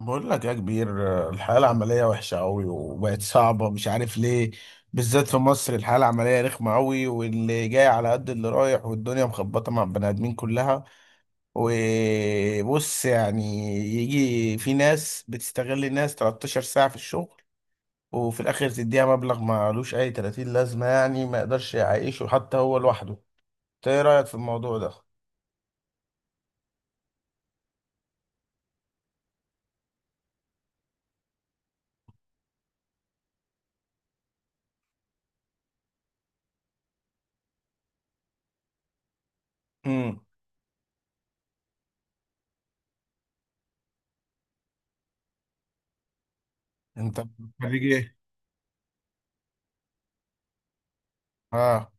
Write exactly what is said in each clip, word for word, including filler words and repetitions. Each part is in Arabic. بقول لك يا كبير، الحياة العملية وحشة أوي وبقت صعبة، مش عارف ليه. بالذات في مصر الحياة العملية رخمة أوي، واللي جاي على قد اللي رايح، والدنيا مخبطة مع البني آدمين كلها. وبص يعني، يجي في ناس بتستغل الناس 13 ساعة في الشغل، وفي الآخر تديها مبلغ مالوش أي تلاتين لازمة، يعني ما يقدرش يعيشه حتى هو لوحده. إنت إيه رأيك في الموضوع ده؟ امم أنت خريج ايه؟ آه.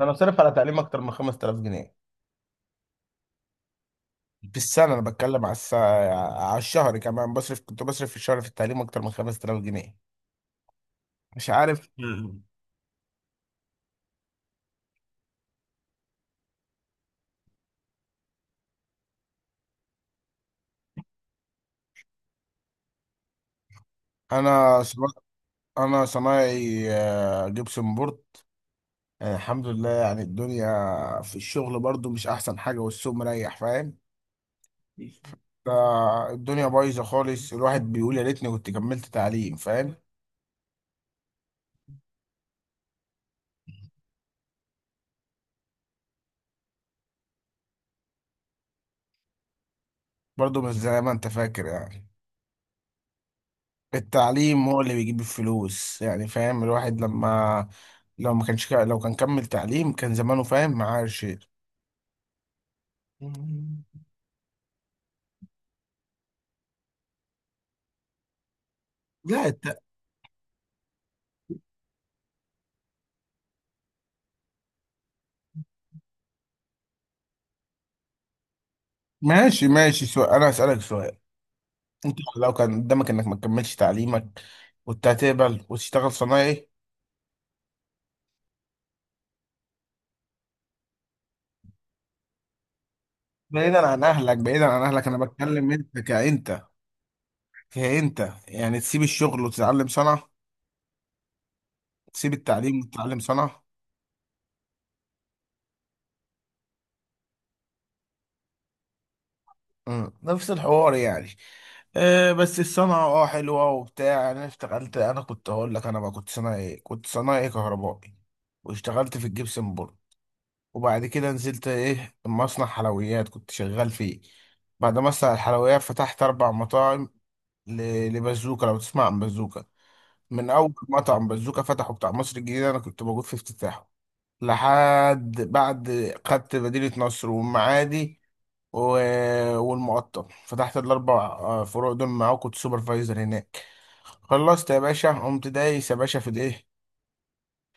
أنا صرف على تعليم أكتر من خمس تلاف جنيه في السنة. أنا بتكلم على الساعة، على الشهر كمان. بصرف كنت بصرف في الشهر في التعليم أكتر من خمس تلاف جنيه. مش عارف مم. أنا صنا... أنا صنايعي، آه، جبسن بورد. آه، الحمد لله. يعني الدنيا في الشغل برضو مش أحسن حاجة، والسوق مريح، فاهم؟ ده الدنيا بايظة خالص، الواحد بيقول يا ريتني كنت كملت تعليم، فاهم؟ برضو مش زي ما أنت فاكر يعني. التعليم هو اللي بيجيب الفلوس يعني، فاهم؟ الواحد لما لو ما كانش لو كان كمل تعليم كان زمانه فاهم معاه شيء. لا الت... ماشي ماشي، سؤال انا هسألك سؤال: انت لو كان قدامك انك ما تكملش تعليمك كنت هتقبل وتشتغل صنايعي؟ بعيدا عن اهلك، بعيدا عن اهلك، انا بتكلم انت كأنت كأنت يعني تسيب الشغل وتتعلم صنعة، تسيب التعليم وتتعلم صنعة. مم. نفس الحوار يعني. آه، بس الصنعة اه حلوة وبتاع. انا اشتغلت انا كنت هقول لك انا بقى كنت صنايعي، ايه كنت صنايعي كهربائي، واشتغلت في الجبسن بورد، وبعد كده نزلت ايه مصنع حلويات كنت شغال فيه. بعد مصنع الحلويات فتحت اربع مطاعم، ل- لبازوكا، لو تسمع عن بازوكا. من اول مطعم بازوكا فتحه بتاع مصر الجديدة انا كنت موجود في افتتاحه، لحد بعد خدت مدينة نصر والمعادي و- والمعطل، فتحت الاربع آه، فروع دول معاه، كنت سوبرفايزر هناك. خلصت يا باشا، قمت دايس يا باشا في الايه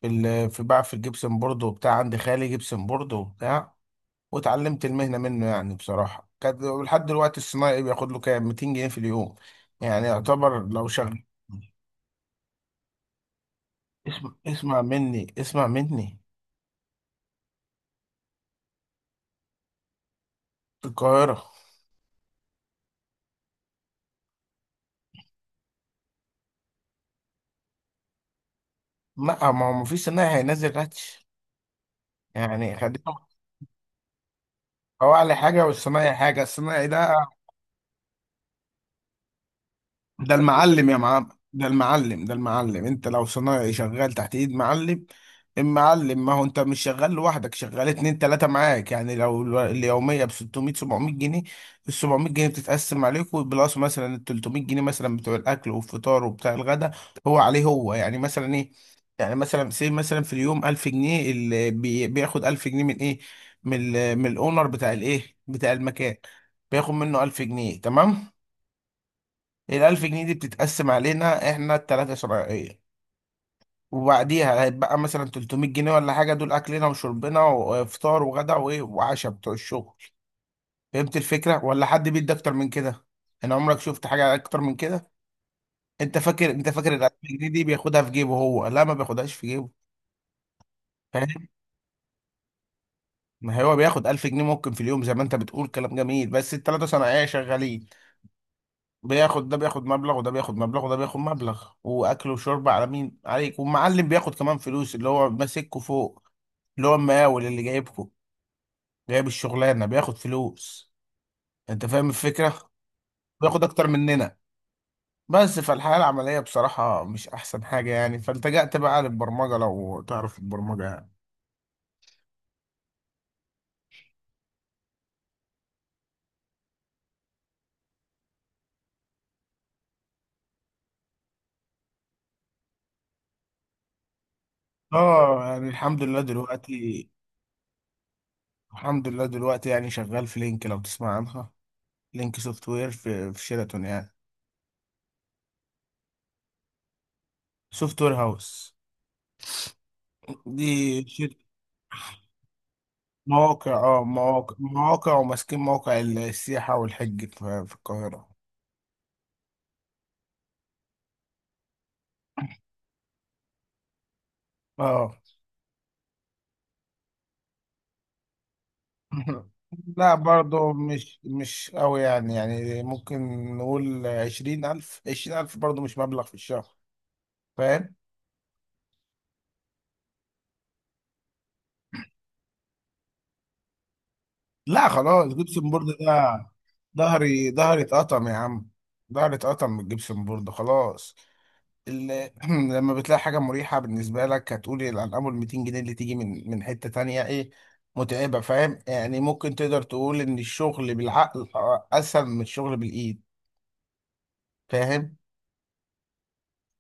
في ال- في بقى في الجبسن بورد وبتاع. عندي خالي جبسن بورد وبتاع واتعلمت المهنه منه يعني. بصراحه كانت لحد دلوقتي الصنايعي بياخد له كام ميتين جنيه في اليوم، يعني يعتبر لو شغل. اسمع اسمع مني، اسمع مني. في القاهرة. لا، ما هو مفيش صنايعي هينزل راتش يعني، خليهم. هو أعلى حاجة، والصنايعي حاجة، الصنايعي ده ده المعلم يا معلم، ده المعلم، ده المعلم. انت لو صنايعي شغال تحت ايد معلم، المعلم، ما هو انت مش شغال لوحدك، شغال اتنين تلاتة معاك. يعني لو الو- اليومية ب ستمية سبعمية جنيه، ال سبعمية جنيه بتتقسم عليكوا، بلس مثلا ال تلتمية جنيه مثلا بتوع الاكل والفطار وبتاع الغدا هو عليه هو. يعني مثلا ايه، يعني مثلا سي مثلا في اليوم ألف جنيه، اللي بي- بياخد ألف جنيه من ايه؟ من ال- من الاونر بتاع الايه بتاع المكان، بياخد منه ألف جنيه، تمام. الألف جنيه دي بتتقسم علينا إحنا التلاتة شرعية، وبعديها هيتبقى مثلا تلتمية جنيه ولا حاجة، دول أكلنا وشربنا وفطار وغدا وإيه وعشاء بتوع الشغل. فهمت الفكرة؟ ولا حد بيدي أكتر من كده؟ أنا عمرك شفت حاجة أكتر من كده؟ أنت فاكر، أنت فاكر الألف جنيه دي بياخدها في جيبه هو؟ لا، ما بياخدهاش في جيبه، فاهم؟ ما هو بياخد ألف جنيه ممكن في اليوم زي ما أنت بتقول، كلام جميل، بس التلاتة صناعية شغالين. بياخد ده بياخد مبلغ، وده بياخد مبلغ، وده بياخد مبلغ، واكل وشرب على مين؟ عليك. والمعلم بياخد كمان فلوس، اللي هو ماسككوا فوق، اللي هو المقاول اللي جايبكوا، جايب الشغلانه، بياخد فلوس. انت فاهم الفكره؟ بياخد اكتر مننا. بس فالحياه العمليه بصراحه مش احسن حاجه، يعني فالتجأت بقى للبرمجه، لو تعرف البرمجه يعني. اه، يعني الحمد لله دلوقتي، الحمد لله دلوقتي، يعني شغال في لينك، لو تسمع عنها. لينك سوفت وير، في في شيراتون يعني. سوفت وير هاوس دي. مواقع اه مواقع مواقع، وماسكين موقع السياحة والحج في في القاهرة. اه. لا برضو مش مش قوي، يعني يعني ممكن نقول عشرين ألف، عشرين ألف برضو مش مبلغ في الشهر، فاهم؟ لا خلاص، جبسن بورد ده، ظهري ظهري اتقطم يا عم، ظهري اتقطم من الجبسن بورد خلاص. ال- لما بتلاقي حاجة مريحة بالنسبة لك هتقول الأرقام، وال ميتين جنيه اللي تيجي من من حتة تانية إيه متعبة، فاهم؟ يعني ممكن تقدر تقول إن الشغل بالعقل أسهل من الشغل بالإيد، فاهم؟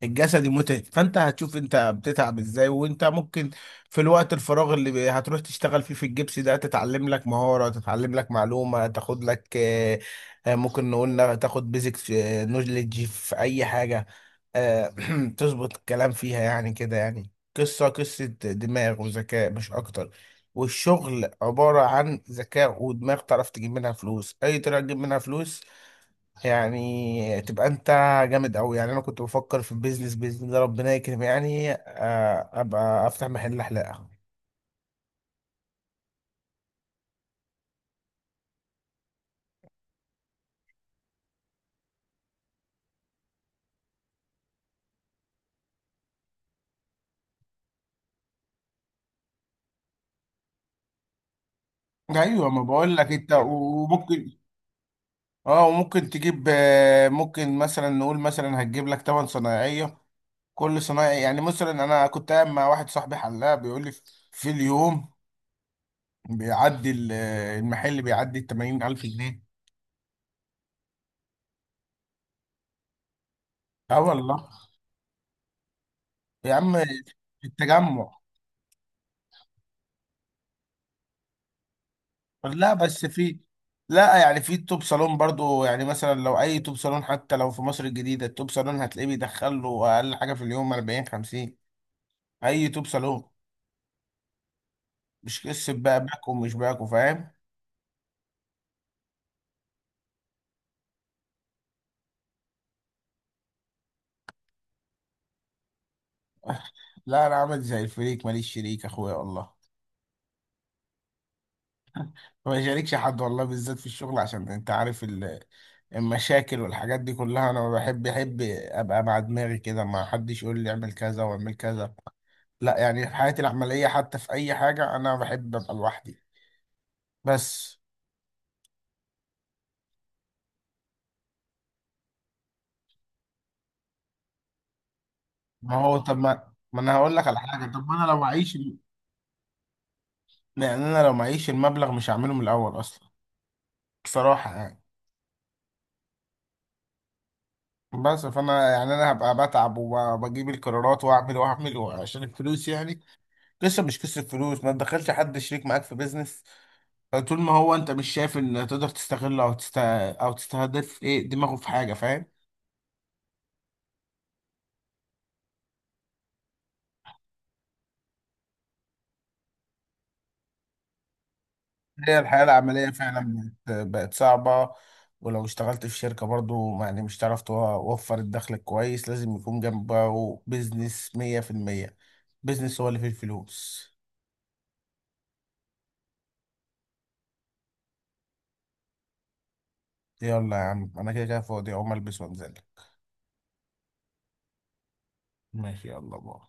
الجسدي متعب، فانت هتشوف انت بتتعب ازاي، وانت ممكن في الوقت الفراغ اللي بي- هتروح تشتغل فيه في الجبس ده تتعلم لك مهارة، تتعلم لك معلومة، تاخد لك، آه، آه، ممكن نقول نا- تاخد بيزك نولج في اي حاجة. آه. تظبط الكلام فيها يعني كده، يعني قصة قصة دماغ وذكاء مش اكتر. والشغل عبارة عن ذكاء ودماغ، تعرف تجيب منها فلوس، اي طريقة تجيب منها فلوس، يعني تبقى انت جامد قوي. يعني انا كنت بفكر في البيزنس، باذن الله ربنا يكرم يعني، آه، ابقى افتح محل حلاقه. ايوه، ما بقول لك انت، وممكن، اه وممكن تجيب، آه، ممكن مثلا نقول مثلا هتجيب لك تمن صنايعية صنايعيه، كل صنايعي يعني. مثلا انا كنت قاعد مع واحد صاحبي حلاق بيقول لي في اليوم بيعدي ال- المحل بيعدي ال تمانين ألف جنيه. اه والله يا عم. في التجمع. لا، بس في لا، يعني في توب صالون برضو يعني، مثلا لو اي توب صالون، حتى لو في مصر الجديدة التوب صالون هتلاقيه بيدخل له اقل حاجة في اليوم أربعين خمسين، اي توب صالون، مش قصة بقى باك ومش باك، وفاهم؟ لا، انا عامل زي الفريق، ماليش شريك اخويا والله، ما يشاركش حد والله، بالذات في الشغل عشان انت عارف ال- المشاكل والحاجات دي كلها، انا ما بحب، احب ابقى مع دماغي كده، ما حدش يقول لي اعمل كذا واعمل كذا. لا، يعني في حياتي العملية حتى في اي حاجة انا بحب ابقى لوحدي، بس. ما هو، طب ما ما انا هقول لك على حاجه، طب ما انا لو معيش ال- يعني انا لو معيش المبلغ مش هعمله من الاول اصلا، بصراحه يعني. بس فانا يعني انا هبقى بتعب وبجيب القرارات، واعمل واعمل عشان الفلوس يعني. قصه، مش قصه فلوس، ما تدخلش حد شريك معاك في بيزنس طول ما هو انت مش شايف ان تقدر تستغله، او تست او تستهدف ايه دماغه في حاجه، فاهم؟ هي الحياة العملية فعلا بقت بقت صعبة، ولو اشتغلت في شركة برضو يعني مش هتعرف توفر الدخل الكويس، لازم يكون جنبه بيزنس مية في المية. بيزنس هو اللي فيه الفلوس. يلا يا عم، أنا كده كده فاضي، أقوم ألبس وأنزل. ماشي، يلا باي.